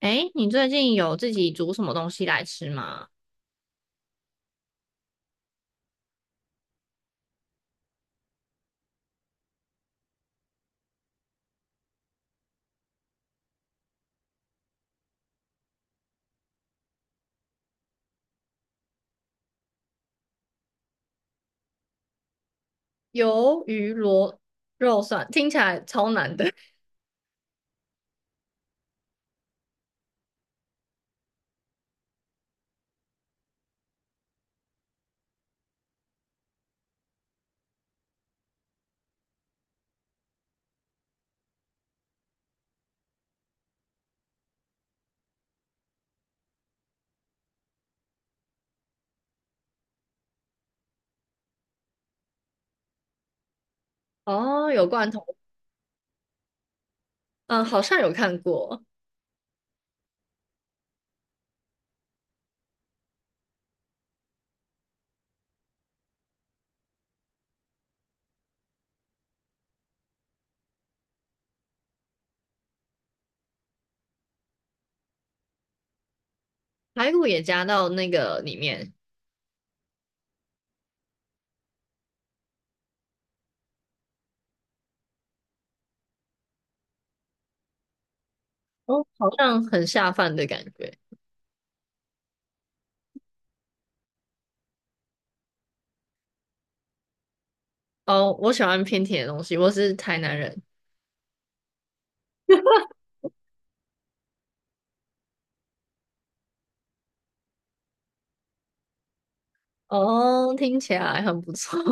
诶，你最近有自己煮什么东西来吃吗？鱿鱼螺肉蒜听起来超难的。 哦，有罐头，嗯，好像有看过，排骨也加到那个里面，哦，好像很下饭的感觉。哦，我喜欢偏甜的东西，我是台南人。哦，听起来很不错。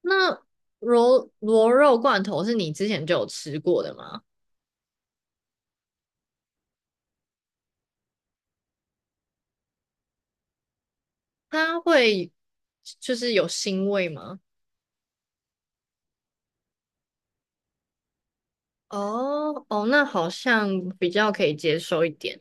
那螺肉罐头是你之前就有吃过的吗？它会就是有腥味吗？哦哦，那好像比较可以接受一点。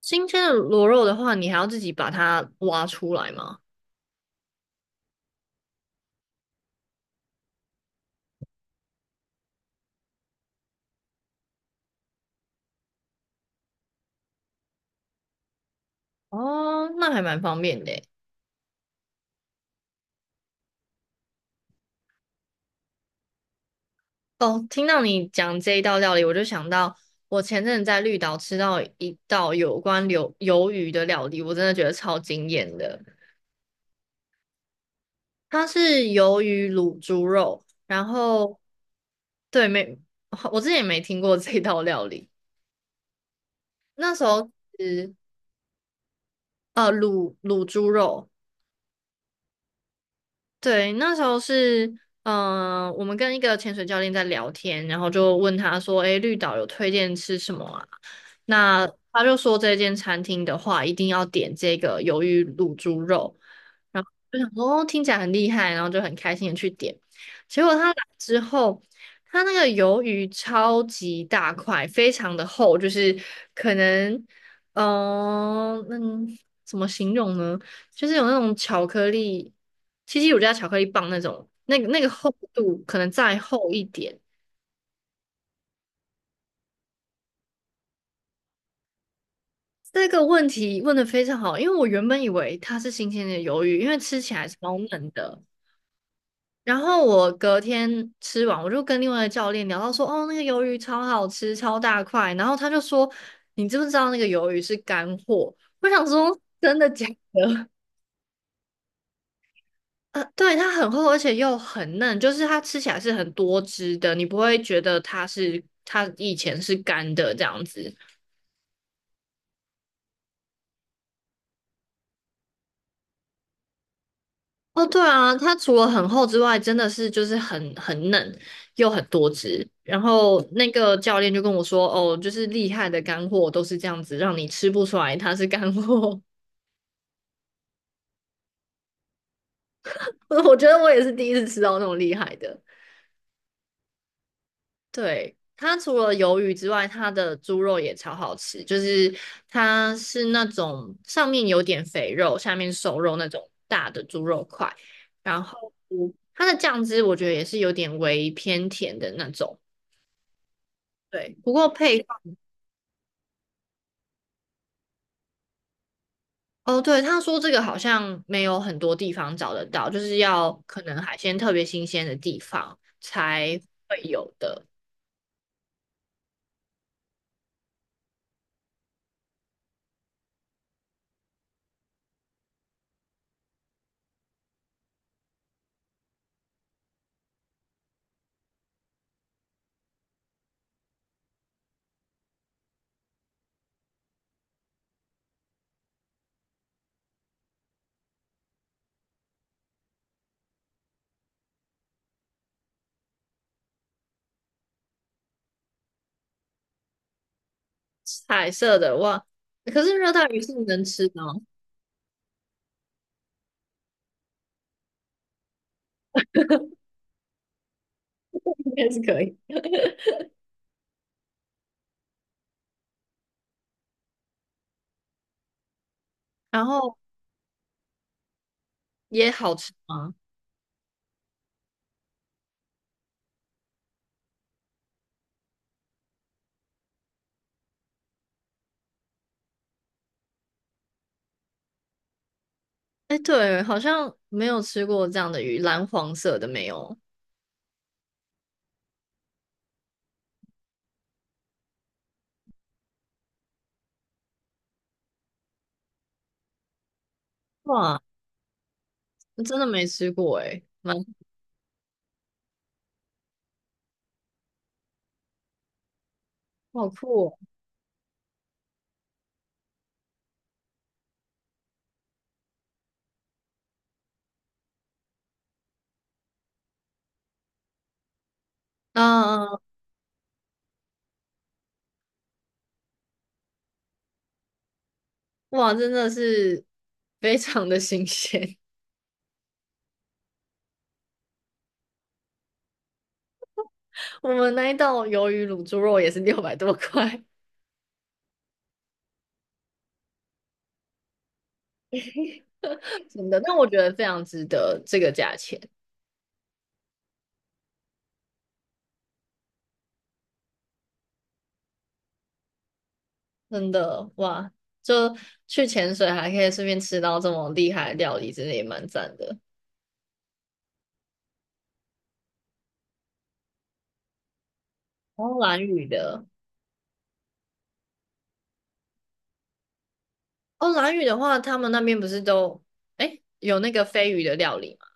新鲜的螺肉的话，你还要自己把它挖出来吗？哦，那还蛮方便的耶。哦，听到你讲这一道料理，我就想到我前阵子在绿岛吃到一道有关鱿鱼的料理，我真的觉得超惊艳的。它是鱿鱼卤猪肉，然后对，没，我之前也没听过这道料理。那时候呃，卤猪肉。对，那时候是，我们跟一个潜水教练在聊天，然后就问他说：“诶，绿岛有推荐吃什么啊？”那他就说这间餐厅的话，一定要点这个鱿鱼卤猪肉。然后就想说，哦，听起来很厉害，然后就很开心的去点。结果他来之后，他那个鱿鱼超级大块，非常的厚，就是可能，嗯、那怎么形容呢？就是有那种巧克力，七七乳加巧克力棒那种，那个厚度可能再厚一点。这个问题问的非常好，因为我原本以为它是新鲜的鱿鱼，因为吃起来超嫩的。然后我隔天吃完，我就跟另外的教练聊到说，哦，那个鱿鱼超好吃，超大块。然后他就说，你知不知道那个鱿鱼是干货？我想说，真的假的？对，它很厚，而且又很嫩，就是它吃起来是很多汁的，你不会觉得它是它以前是干的这样子。哦，对啊，它除了很厚之外，真的是就是很嫩，又很多汁。然后那个教练就跟我说，哦，就是厉害的干货都是这样子，让你吃不出来它是干货。我觉得我也是第一次吃到那种厉害的。对，它除了鱿鱼之外，它的猪肉也超好吃，就是它是那种上面有点肥肉，下面瘦肉那种大的猪肉块，然后它的酱汁我觉得也是有点微偏甜的那种。对，不过配方哦，对，他说这个好像没有很多地方找得到，就是要可能海鲜特别新鲜的地方才会有的。彩色的哇，可是热带鱼是能吃的哦，应该是可以。然后也好吃 吗？哎，对，好像没有吃过这样的鱼，蓝黄色的没有。哇，我真的没吃过哎，蛮 好酷哦。啊、哇，真的是 非常的新鲜。我们那一道鱿鱼卤猪肉也是600多块，真的，但我觉得非常值得这个价钱，真的哇！就去潜水还可以顺便吃到这么厉害的料理，真的也蛮赞的。然后蓝屿的哦，蓝屿的话，他们那边不是都哎有那个飞鱼的料理吗？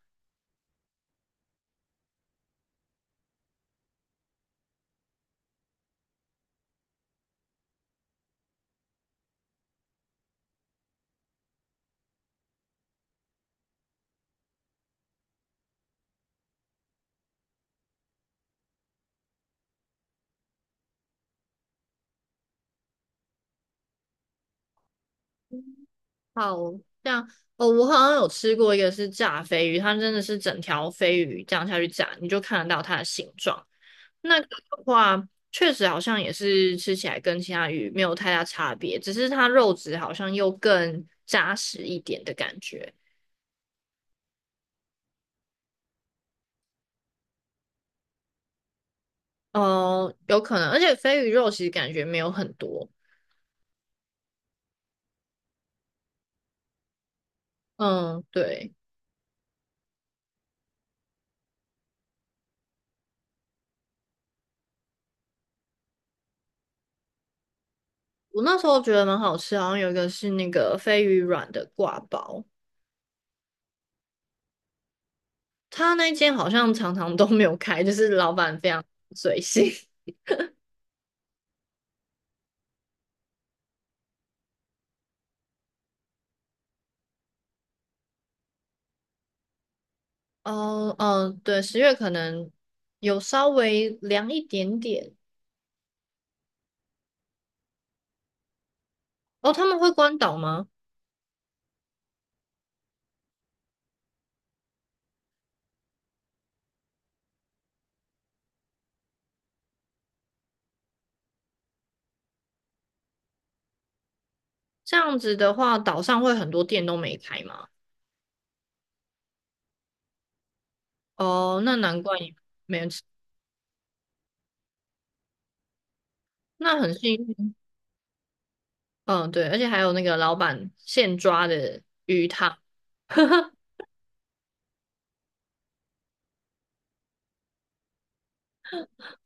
好像哦，我好像有吃过一个是炸飞鱼，它真的是整条飞鱼这样下去炸，你就看得到它的形状。那个的话，确实好像也是吃起来跟其他鱼没有太大差别，只是它肉质好像又更扎实一点的感觉。哦，有可能，而且飞鱼肉其实感觉没有很多。嗯，对。我那时候觉得蛮好吃，好像有一个是那个飞鱼软的挂包，他那间好像常常都没有开，就是老板非常随性。哦，嗯，对，10月可能有稍微凉一点点。哦，他们会关岛吗？这样子的话，岛上会很多店都没开吗？哦，那难怪你没有吃，那很幸运。嗯，对，而且还有那个老板现抓的哈，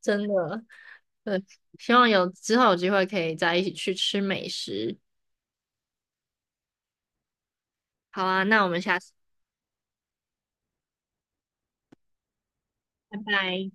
真的。希望有之后有机会可以再一起去吃美食。好啊，那我们下次，拜拜。